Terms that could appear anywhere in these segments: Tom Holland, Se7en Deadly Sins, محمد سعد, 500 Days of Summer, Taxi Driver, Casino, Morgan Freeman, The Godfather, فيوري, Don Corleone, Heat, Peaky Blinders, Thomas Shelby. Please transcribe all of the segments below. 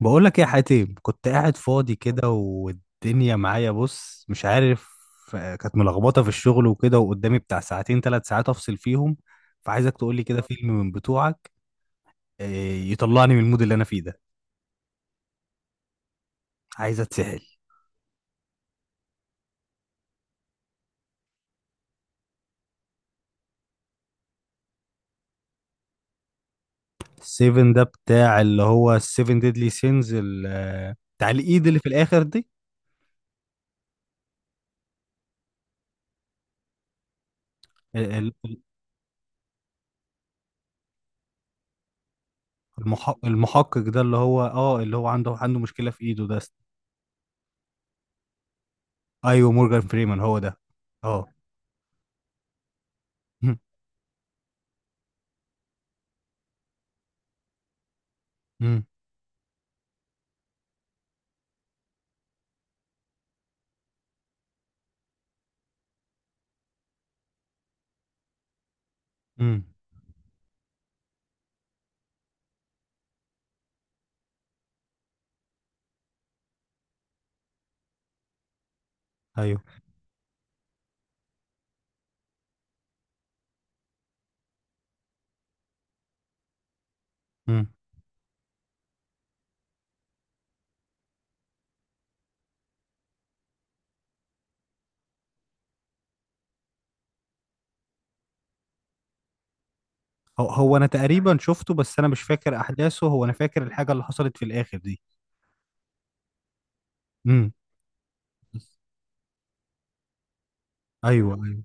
بقول لك يا حاتم، كنت قاعد فاضي كده والدنيا معايا، بص مش عارف. كانت ملخبطه في الشغل وكده، وقدامي بتاع ساعتين ثلاث ساعات افصل فيهم. فعايزك تقول لي كده فيلم من بتوعك. آه، يطلعني من المود اللي انا فيه ده. عايز اتسحل. السيفن ده بتاع اللي هو السيفن ديدلي سينز، بتاع الايد اللي في الاخر دي. ال- ال- المحقق ده اللي هو عنده مشكله في ايده ده. ايوه مورجان فريمان هو ده. اه. امم امم ايوه. هو انا تقريبا شفته، بس انا مش فاكر احداثه. هو انا فاكر الحاجه اللي حصلت في الاخر دي. امم ايوه ايوه.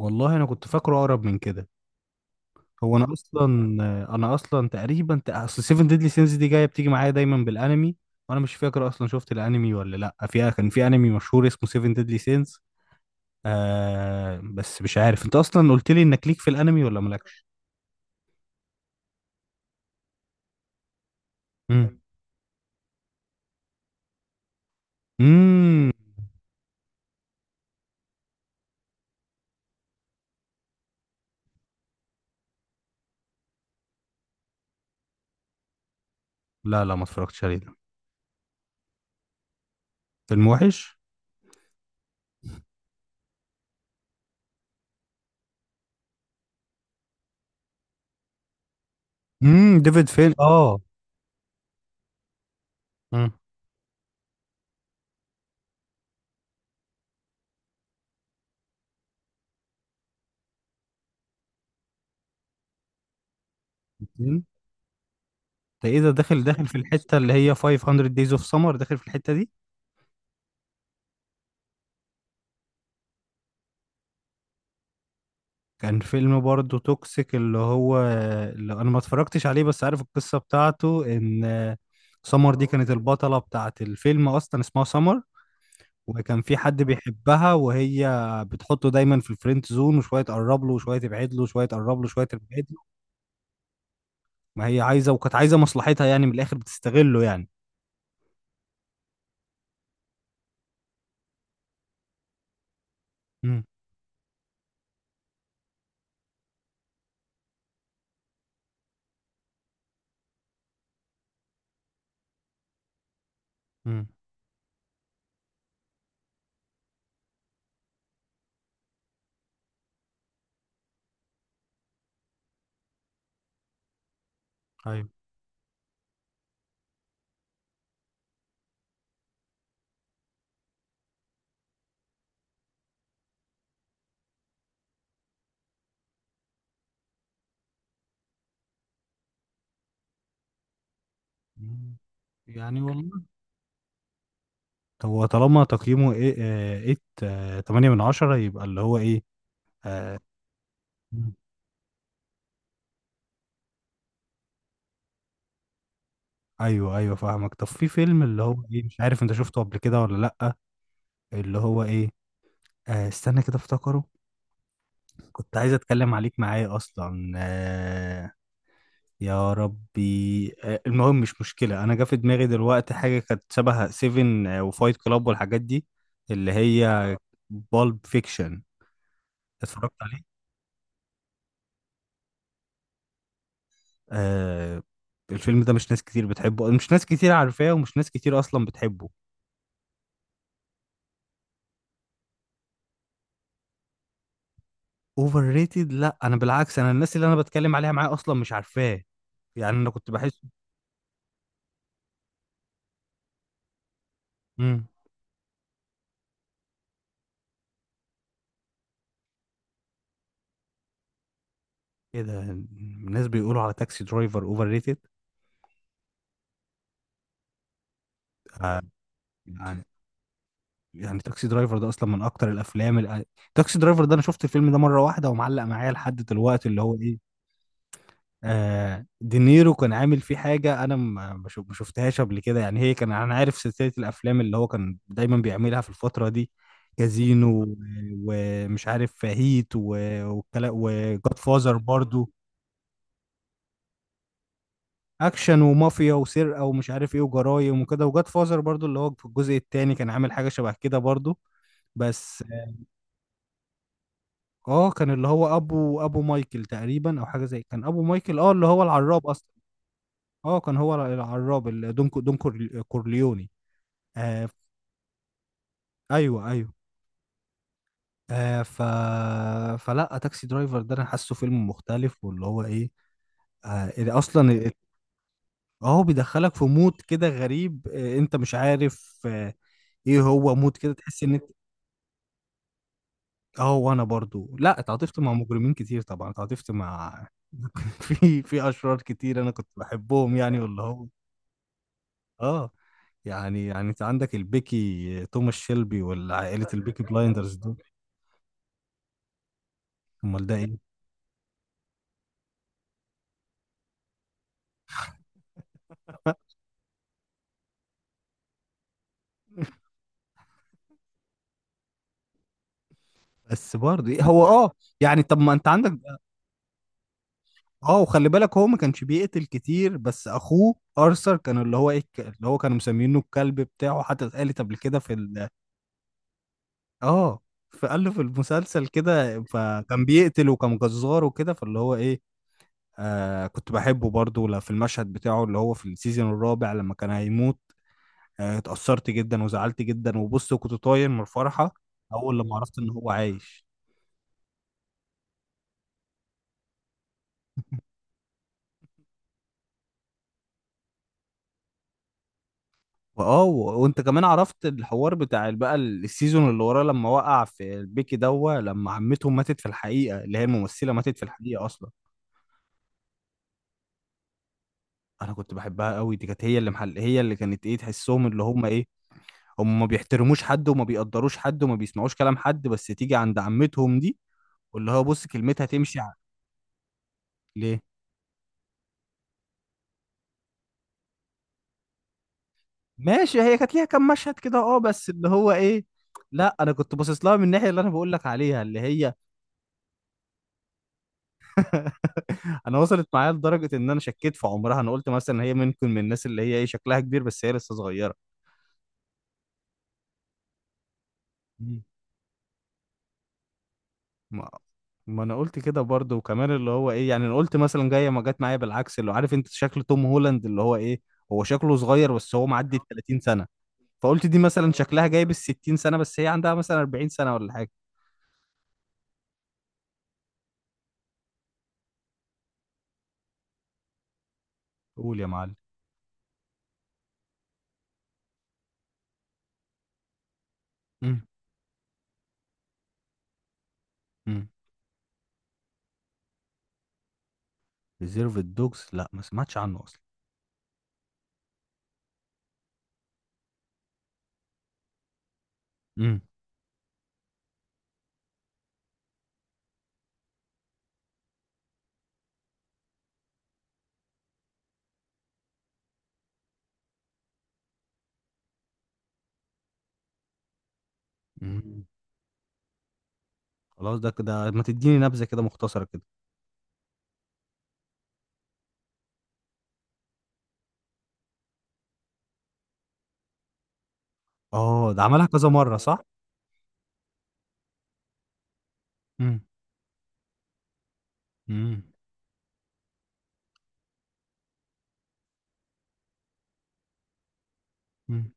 والله انا كنت فاكره اقرب من كده. هو انا اصلا انا اصلا تقريبا اصل سيفن ديدلي سينز دي بتيجي معايا دايما بالانمي. وانا مش فاكر اصلا شفت الانمي ولا لا. كان في انمي مشهور اسمه سيفن ديدلي سينز. بس مش عارف انت اصلا قلت لي انك ليك في الانمي ولا مالكش. امم امم لا لا، ما اتفرجتش عليه ده. فيلم وحش. ديفيد فين امم ده ايه ده؟ داخل في الحتة اللي هي 500 days of summer، داخل في الحتة دي. كان فيلم برضه توكسيك، اللي انا ما اتفرجتش عليه، بس عارف القصة بتاعته ان سمر دي كانت البطلة بتاعت الفيلم، اصلا اسمها سمر. وكان في حد بيحبها وهي بتحطه دايما في الفريند زون، وشوية تقرب له وشوية تبعد له وشوية تقرب له وشوية تبعد له. ما هي عايزة، وكانت عايزة مصلحتها يعني من الاخر، بتستغله يعني. امم امم ايوه. مم. يعني والله، هو طالما تقييمه ايه، ايه، تمانية من عشرة، يبقى اللي هو ايه. آه. مم. ايوه ايوه، فاهمك. طب في فيلم اللي هو ايه، مش عارف انت شفته قبل كده ولا لأ. اللي هو ايه؟ استنى كده افتكره. كنت عايز اتكلم عليك معايا اصلا يا ربي. المهم، مش مشكلة. انا جا في دماغي دلوقتي حاجة كانت شبه سيفن وفايت كلاب والحاجات دي، اللي هي بالب فيكشن. اتفرجت آه الفيلم ده مش ناس كتير بتحبه، مش ناس كتير عارفاه، ومش ناس كتير اصلا بتحبه. اوفر ريتد؟ لا، انا بالعكس، انا الناس اللي انا بتكلم عليها معاه اصلا مش عارفاه. يعني انا كنت بحس. امم ايه ده، الناس بيقولوا على تاكسي درايفر اوفر ريتد؟ آه يعني، تاكسي درايفر ده اصلا من اكتر الافلام تاكسي درايفر ده انا شفت الفيلم ده مره واحده، ومعلق معايا لحد دلوقتي اللي هو ايه. دينيرو كان عامل فيه حاجة أنا ما شفتهاش قبل كده. يعني هي كان أنا عارف سلسلة الأفلام اللي هو كان دايما بيعملها في الفترة دي. كازينو ومش عارف هيت والكلام، وجاد فازر برضو. أكشن ومافيا وسرقة ومش عارف إيه وجرايم وكده، وجاد فازر برضو اللي هو في الجزء التاني كان عامل حاجة شبه كده برضو، بس كان اللي هو أبو مايكل تقريبا، أو حاجة زي كان أبو مايكل، اللي هو العراب أصلا. كان هو العراب دون كورليوني. آه. ايوه ايوه. آه ف فلا، تاكسي درايفر ده انا حاسه فيلم مختلف، واللي هو ايه. إذا اصلا اهو بيدخلك في مود كده غريب، انت مش عارف ايه هو مود كده، تحس ان انت. اه، وانا برضو، لا اتعاطفت مع مجرمين كتير طبعا، اتعاطفت مع في اشرار كتير انا كنت بحبهم يعني، واللي هو اه يعني، انت عندك البيكي، توماس شيلبي والعائله البيكي بلايندرز دول. امال ده ايه؟ بس برضه إيه هو يعني طب ما انت عندك. اه، وخلي بالك هو ما كانش بيقتل كتير، بس اخوه ارثر كان اللي هو ايه اللي هو كانوا مسمينه الكلب بتاعه، حتى اتقالت قبل كده في ال اه فقال له في المسلسل كده، فكان بيقتل وكان جزار وكده، فاللي هو ايه. كنت بحبه برضه، لا في المشهد بتاعه اللي هو في السيزون الرابع لما كان هيموت. اتأثرت جدا وزعلت جدا، وبص كنت طاير من الفرحة اول لما عرفت ان هو عايش. وانت كمان عرفت الحوار بتاع السيزون اللي وراه، لما وقع في البيكي دوا، لما عمتهم ماتت في الحقيقه، اللي هي الممثله ماتت في الحقيقه اصلا. انا كنت بحبها قوي دي، كانت هي اللي كانت ايه، تحسهم اللي هم ايه هم ما بيحترموش حد وما بيقدروش حد وما بيسمعوش كلام حد، بس تيجي عند عمتهم دي. واللي هو، بص كلمتها تمشي ليه؟ ماشي، هي كانت ليها كام مشهد كده بس اللي هو ايه. لا انا كنت باصص لها من الناحيه اللي انا بقول لك عليها، اللي هي انا وصلت معايا لدرجه ان انا شكيت في عمرها. انا قلت مثلا هي ممكن من الناس اللي هي ايه، شكلها كبير بس هي لسه صغيره. مم. ما ما انا قلت كده برضه، وكمان اللي هو ايه. يعني انا قلت مثلا جايه، ما جت معايا بالعكس، اللي هو عارف انت شكل توم هولاند اللي هو ايه، هو شكله صغير بس هو معدي ال 30 سنه. فقلت دي مثلا شكلها جايب ال 60 سنه بس هي عندها مثلا 40 سنه ولا حاجه. قول يا معلم. امم امم ريزيرف الدوجز؟ لا، ما سمعتش عنه اصلا. امم امم خلاص ده كده، ما تديني نبذه كده مختصره كده. اه، ده عملها كذا مرة صح؟ امم امم امم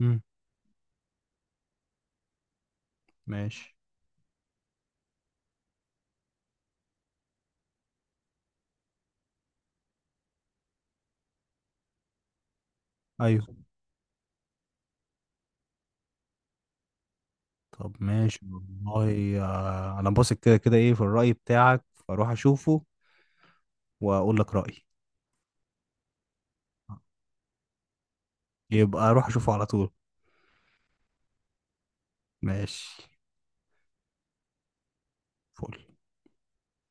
امم ماشي. ايوه. طب ماشي، والله انا باثق كده كده ايه في الرأي بتاعك، فاروح اشوفه. واقول لك رأيي. يبقى اروح اشوفه على طول. ماشي. فل.